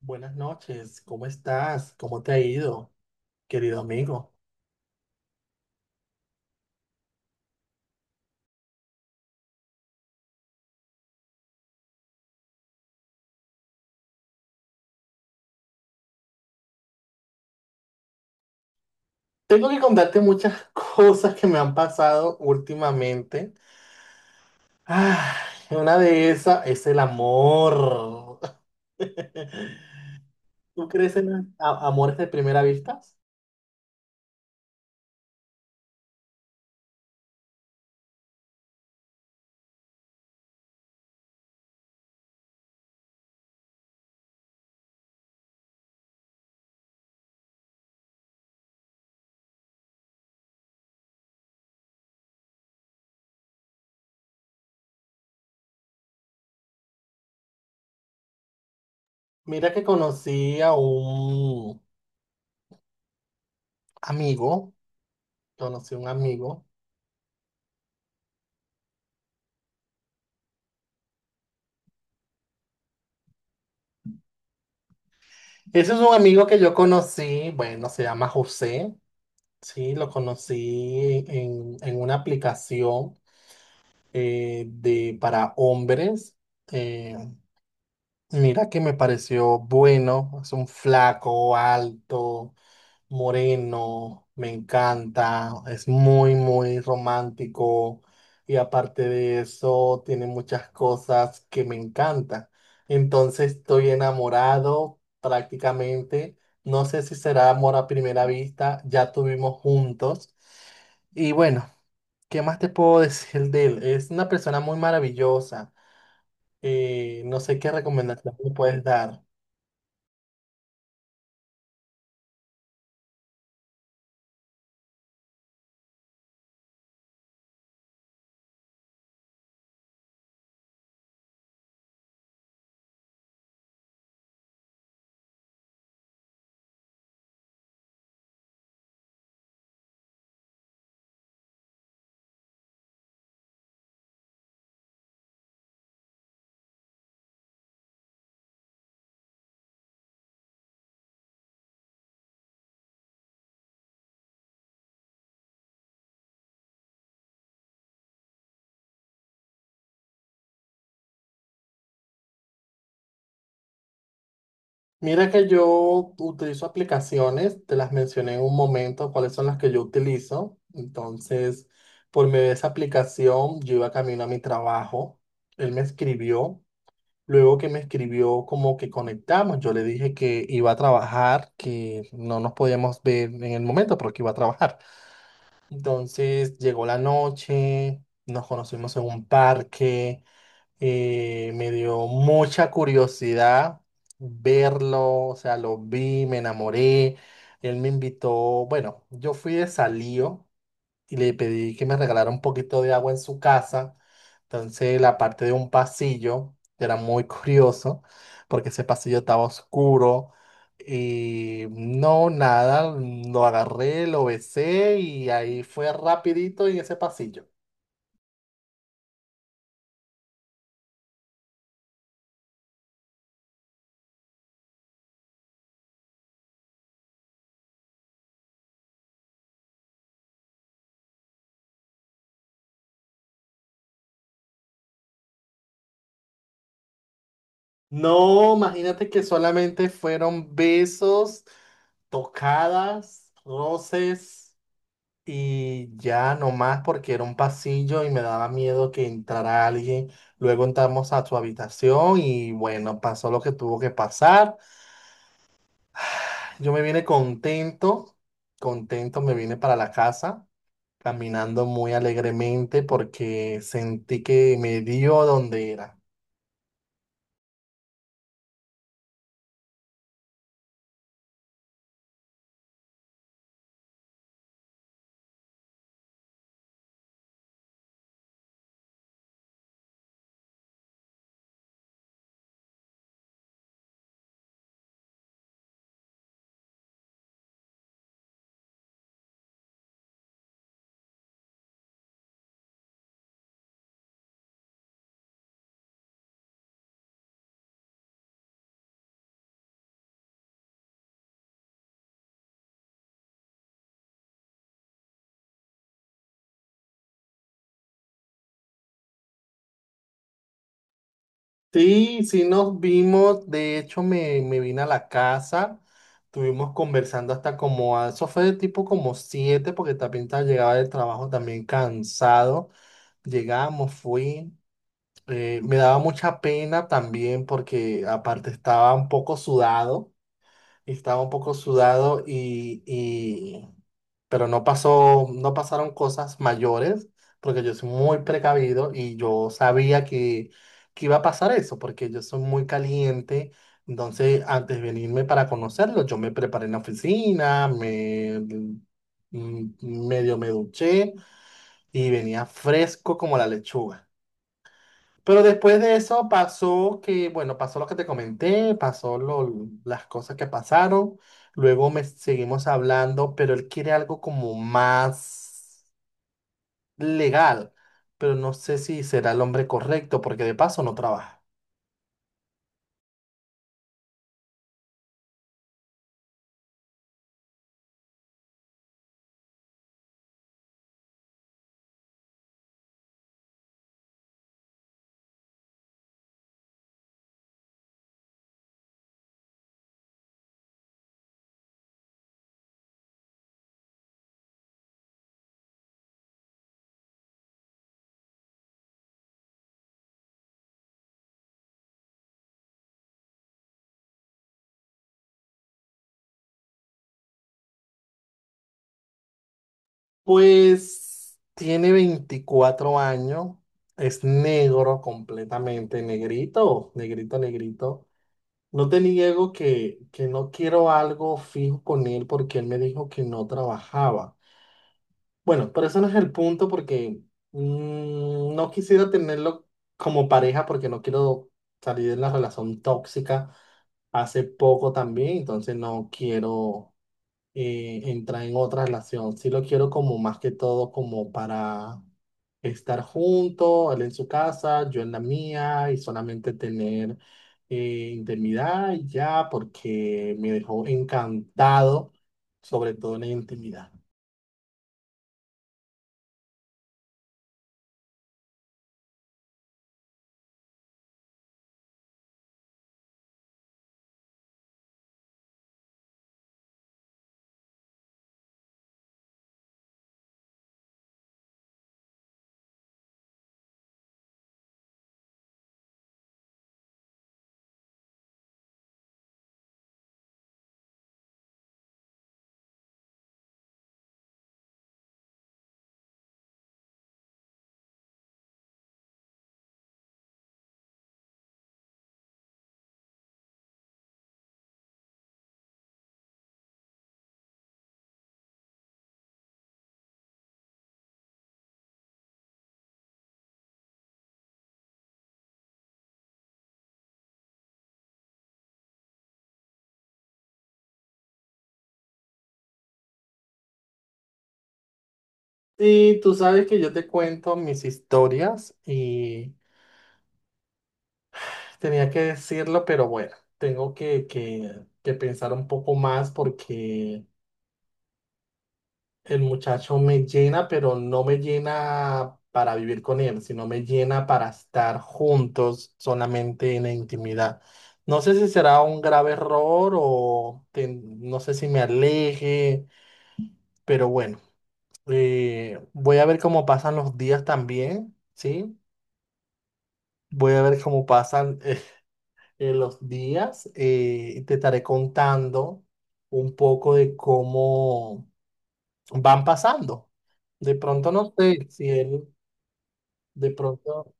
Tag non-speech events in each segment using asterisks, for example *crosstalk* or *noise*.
Buenas noches, ¿cómo estás? ¿Cómo te ha ido, querido amigo? Tengo que contarte muchas *laughs* cosas que me han pasado últimamente. Ah, una de esas es el amor. *laughs* ¿Tú crees en los amores de primera vista? Mira que conocí a un amigo, conocí a un amigo. Ese es un amigo que yo conocí, bueno, se llama José, sí, lo conocí en una aplicación de, para hombres. Eh, mira que me pareció bueno, es un flaco, alto, moreno, me encanta, es muy, muy romántico y aparte de eso tiene muchas cosas que me encantan. Entonces estoy enamorado prácticamente, no sé si será amor a primera vista, ya tuvimos juntos y bueno, ¿qué más te puedo decir de él? Es una persona muy maravillosa. No sé qué recomendación me puedes dar. Mira que yo utilizo aplicaciones, te las mencioné en un momento, cuáles son las que yo utilizo. Entonces, por medio de esa aplicación, yo iba camino a mi trabajo. Él me escribió. Luego que me escribió, como que conectamos. Yo le dije que iba a trabajar, que no nos podíamos ver en el momento, pero que iba a trabajar. Entonces, llegó la noche, nos conocimos en un parque. Me dio mucha curiosidad verlo, o sea, lo vi, me enamoré. Él me invitó, bueno, yo fui de Salío y le pedí que me regalara un poquito de agua en su casa. Entonces, la parte de un pasillo era muy *laughs* curioso porque ese pasillo estaba oscuro y no, nada, lo agarré, lo besé y ahí fue rapidito en ese pasillo. No, imagínate que solamente fueron besos, tocadas, roces y ya nomás porque era un pasillo y me daba miedo que entrara alguien. Luego entramos a su habitación y bueno, pasó lo que tuvo que pasar. Yo me vine contento, contento me vine para la casa, caminando muy alegremente porque sentí que me dio donde era. Sí, sí nos vimos, de hecho me vine a la casa, estuvimos conversando hasta como, eso fue de tipo como siete, porque también llegaba del trabajo también cansado, llegamos, fui, me daba mucha pena también porque aparte estaba un poco sudado, estaba un poco sudado y pero no pasaron cosas mayores, porque yo soy muy precavido y yo sabía que iba a pasar eso, porque yo soy muy caliente. Entonces, antes de venirme para conocerlo, yo me preparé en la oficina, mm, medio me duché y venía fresco como la lechuga. Pero después de eso pasó que, bueno, pasó lo que te comenté, pasó las cosas que pasaron. Luego me seguimos hablando, pero él quiere algo como más legal. Pero no sé si será el hombre correcto, porque de paso no trabaja. Pues tiene 24 años, es negro completamente, negrito, negrito, negrito. No te niego que no quiero algo fijo con él porque él me dijo que no trabajaba. Bueno, pero eso no es el punto porque no quisiera tenerlo como pareja porque no quiero salir de la relación tóxica hace poco también, entonces no quiero entrar en otra relación. Sí lo quiero como más que todo como para estar juntos, él en su casa, yo en la mía y solamente tener intimidad y ya porque me dejó encantado, sobre todo en la intimidad. Sí, tú sabes que yo te cuento mis historias y tenía que decirlo, pero bueno, tengo que pensar un poco más porque el muchacho me llena, pero no me llena para vivir con él, sino me llena para estar juntos solamente en la intimidad. No sé si será un grave error o no sé si me aleje, pero bueno, voy a ver cómo pasan los días también, ¿sí? Voy a ver cómo pasan *laughs* en los días. Eh, te estaré contando un poco de cómo van pasando. De pronto no sé si él, de pronto,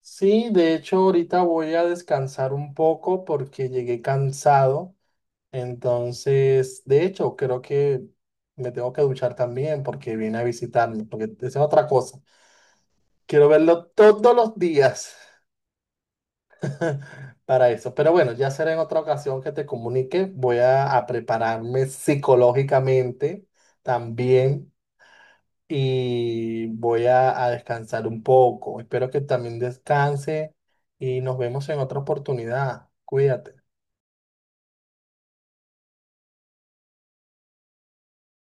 sí, de hecho ahorita voy a descansar un poco porque llegué cansado. Entonces, de hecho, creo que me tengo que duchar también porque viene a visitarme, porque esa es otra cosa. Quiero verlo todos los días. *laughs* Para eso. Pero bueno, ya será en otra ocasión que te comunique. A prepararme psicológicamente también y a descansar un poco. Espero que también descanse y nos vemos en otra oportunidad. Cuídate.